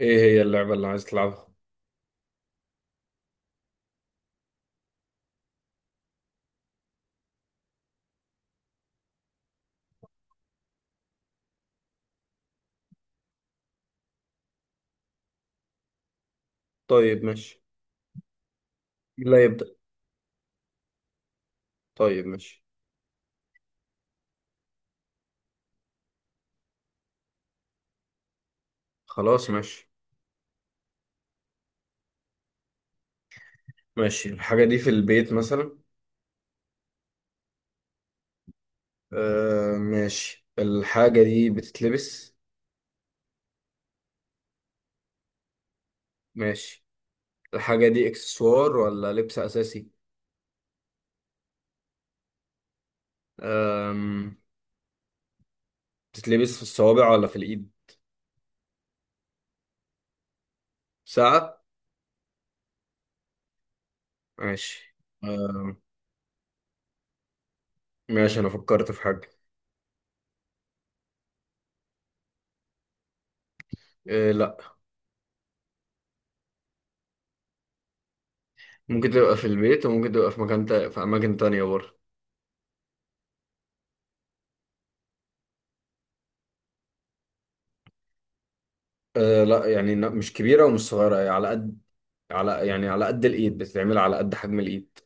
ايه هي اللعبة اللي عايز تلعبها؟ طيب ماشي. لا يبدأ. طيب ماشي. خلاص ماشي. ماشي، الحاجة دي في البيت مثلا؟ آه ماشي. الحاجة دي بتتلبس؟ ماشي. الحاجة دي اكسسوار ولا لبس أساسي؟ أم... بتتلبس في الصوابع ولا في الإيد؟ ساعة؟ ماشي. آه ماشي، أنا فكرت في حاجة. آه لا. ممكن تبقى في البيت وممكن تبقى في أماكن تانية برضه. آه لا، يعني لا، مش كبيرة ومش صغيرة، يعني على قد، على يعني على قد الايد، بتتعمل على قد حجم الايد.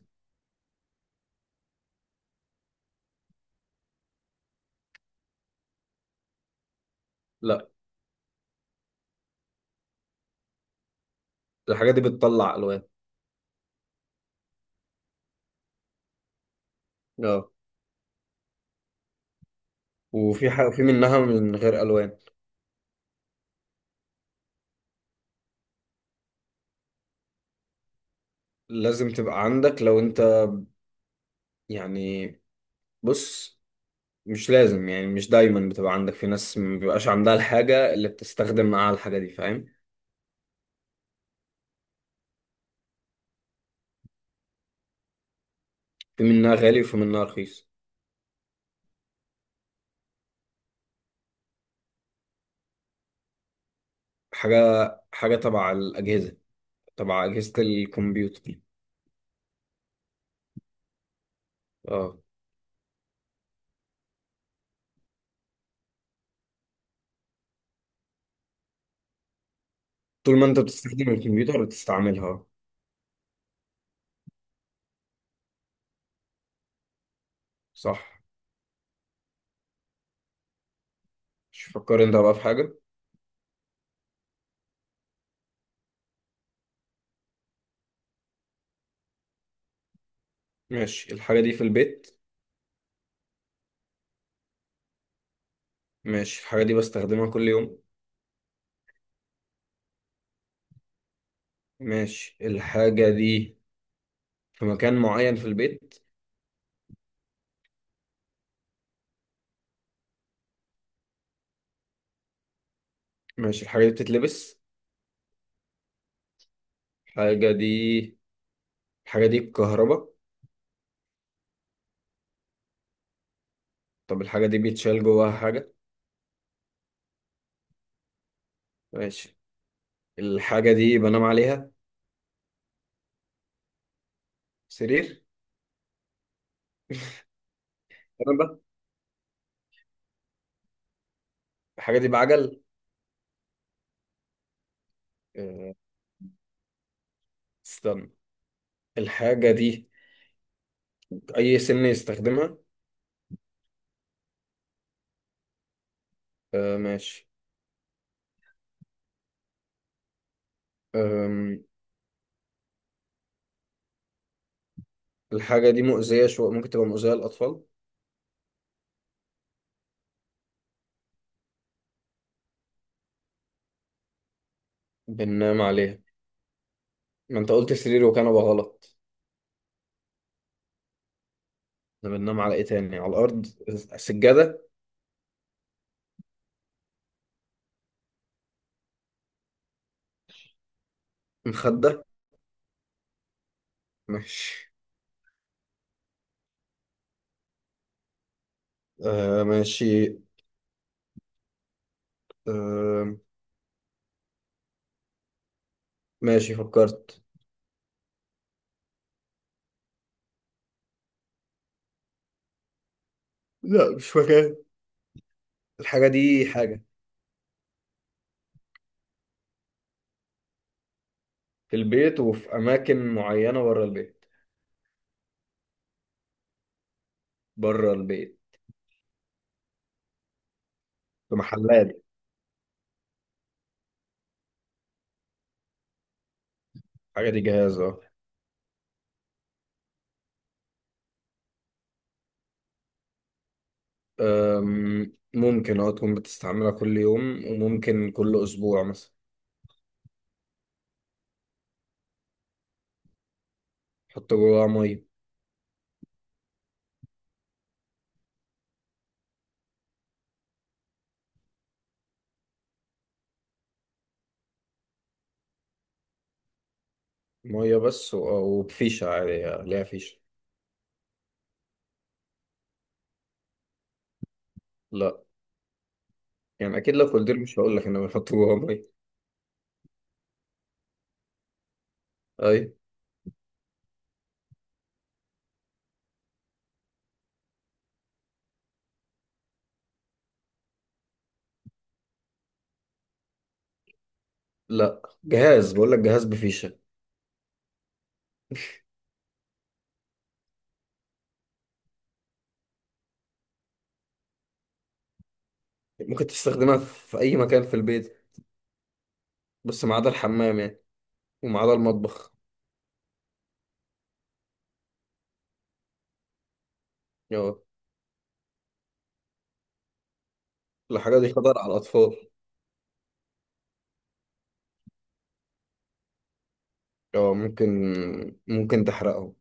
لا. الحاجه دي بتطلع الوان. اه. وفي حاجه في منها من غير الوان. لازم تبقى عندك لو انت، يعني، بص، مش لازم، يعني مش دايما بتبقى عندك، في ناس ما بيبقاش عندها الحاجه اللي بتستخدم معاها الحاجه دي، فاهم؟ في منها غالي وفي منها رخيص. حاجه حاجه تبع الاجهزه، تبع اجهزه الكمبيوتر. اه. طول ما انت بتستخدم الكمبيوتر بتستعملها. صح. مش فكر انت بقى في حاجه. ماشي، الحاجه دي في البيت؟ ماشي، الحاجة دي بستخدمها كل يوم؟ ماشي، الحاجة دي في مكان معين في البيت؟ ماشي، الحاجة دي بتتلبس؟ الحاجة دي، الحاجة دي بكهرباء؟ طب الحاجة دي بيتشال جواها حاجة؟ ماشي، الحاجة دي بنام عليها؟ سرير؟ كنبة؟ الحاجة دي بعجل؟ أه، استنى، الحاجة دي أي سن يستخدمها؟ أه ماشي. أم، الحاجة دي مؤذية شوية، ممكن تبقى مؤذية للأطفال؟ بننام عليها؟ ما أنت قلت سرير وكنبة غلط. احنا بننام على ايه تاني، على الارض؟ سجادة؟ مخدة؟ ماشي. آه ماشي. آه ماشي، فكرت. لا مش مكان، الحاجة دي حاجة. في البيت وفي أماكن معينة بره البيت. بره البيت. في محلات. الحاجة دي جهاز، اه. ممكن تكون بتستعملها كل يوم وممكن كل أسبوع مثلا. حط جواها مية. مية بس وبفيشة عادي، ليها فيشة. لا، يعني أكيد لو قلت لي مش هقول لك إن بنحط جواها مية. أي. لا جهاز، بقول لك جهاز بفيشة. ممكن تستخدمها في أي مكان في البيت، بس ما عدا الحمام يعني، وما عدا المطبخ. اه. الحاجة دي خطر على الأطفال. اه ممكن. ممكن تحرقهم.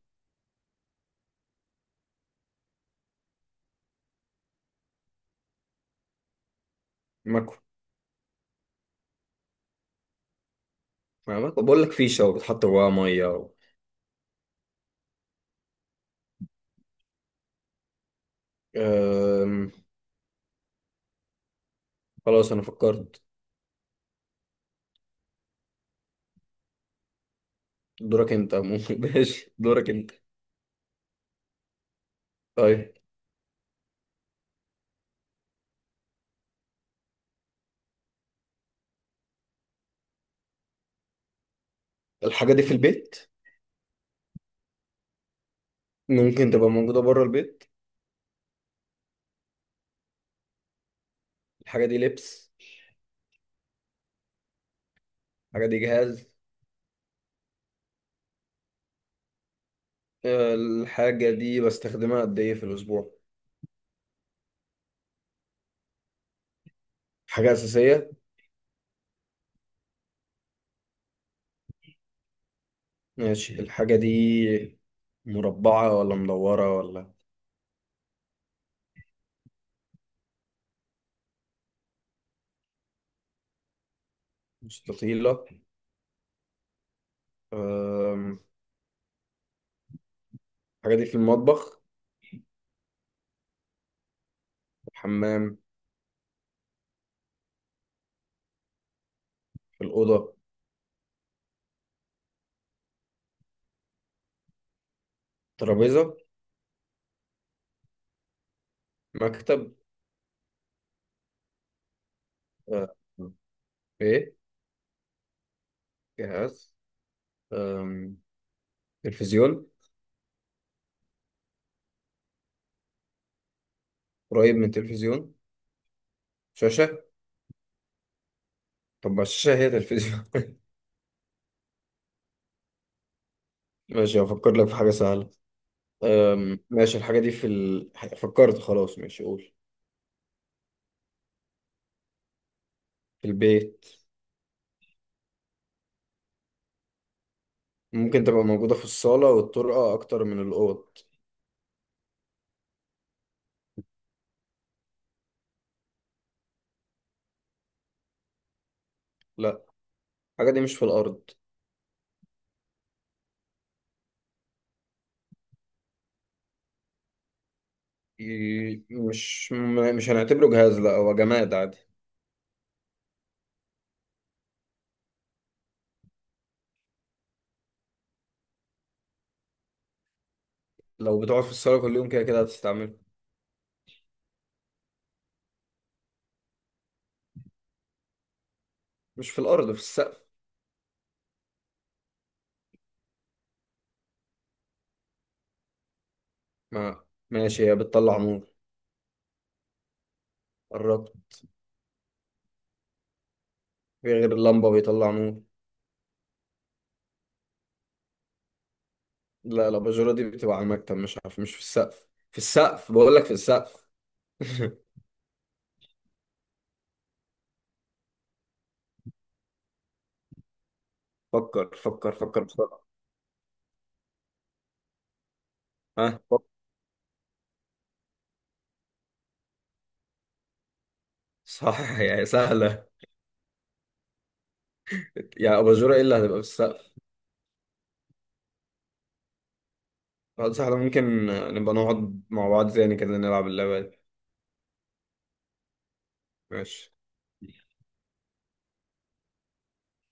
ماكو. ماكو، بقول لك فيشة وبتحط جواها مية و... أم... خلاص أنا فكرت. دورك أنت، ممكن. ماشي، دورك أنت. طيب. الحاجة دي في البيت؟ ممكن تبقى موجودة بره البيت. الحاجة دي لبس؟ الحاجة دي جهاز. الحاجة دي بستخدمها قد إيه في الأسبوع؟ حاجة أساسية. ماشي، الحاجة دي مربعة ولا مدورة ولا؟ مستطيلة. أم، الحاجة دي في المطبخ؟ في الحمام؟ في الأوضة؟ ترابيزة؟ مكتب؟ أه، إيه، جهاز. أم، تلفزيون؟ قريب من تلفزيون؟ شاشة. طب ما الشاشة هي تلفزيون. ماشي، هفكر لك في حاجة سهلة. ماشي، الحاجة دي فكرت، خلاص ماشي قول. في البيت. ممكن تبقى موجودة في الصالة والطرقة أكتر من الأوض. لا الحاجة دي مش في الأرض. مش هنعتبره جهاز، لا هو جماد عادي. لو بتقعد في الصالة كل يوم، كده كده هتستعمله. مش في الأرض، في السقف. ما ماشي، هي بتطلع نور. قربت. في غير اللمبة بيطلع نور. لا الأباجورة دي بتبقى على المكتب، مش عارف، مش في السقف، في السقف بقول لك، في السقف. فكر، فكر، فكر بسرعة. ها فكر. صح يا سهلة. يا أباجورة، إيه اللي هتبقى في السقف؟ خلاص سهلة، ممكن نبقى نقعد مع بعض تاني كده، نلعب اللعبة دي. ماشي.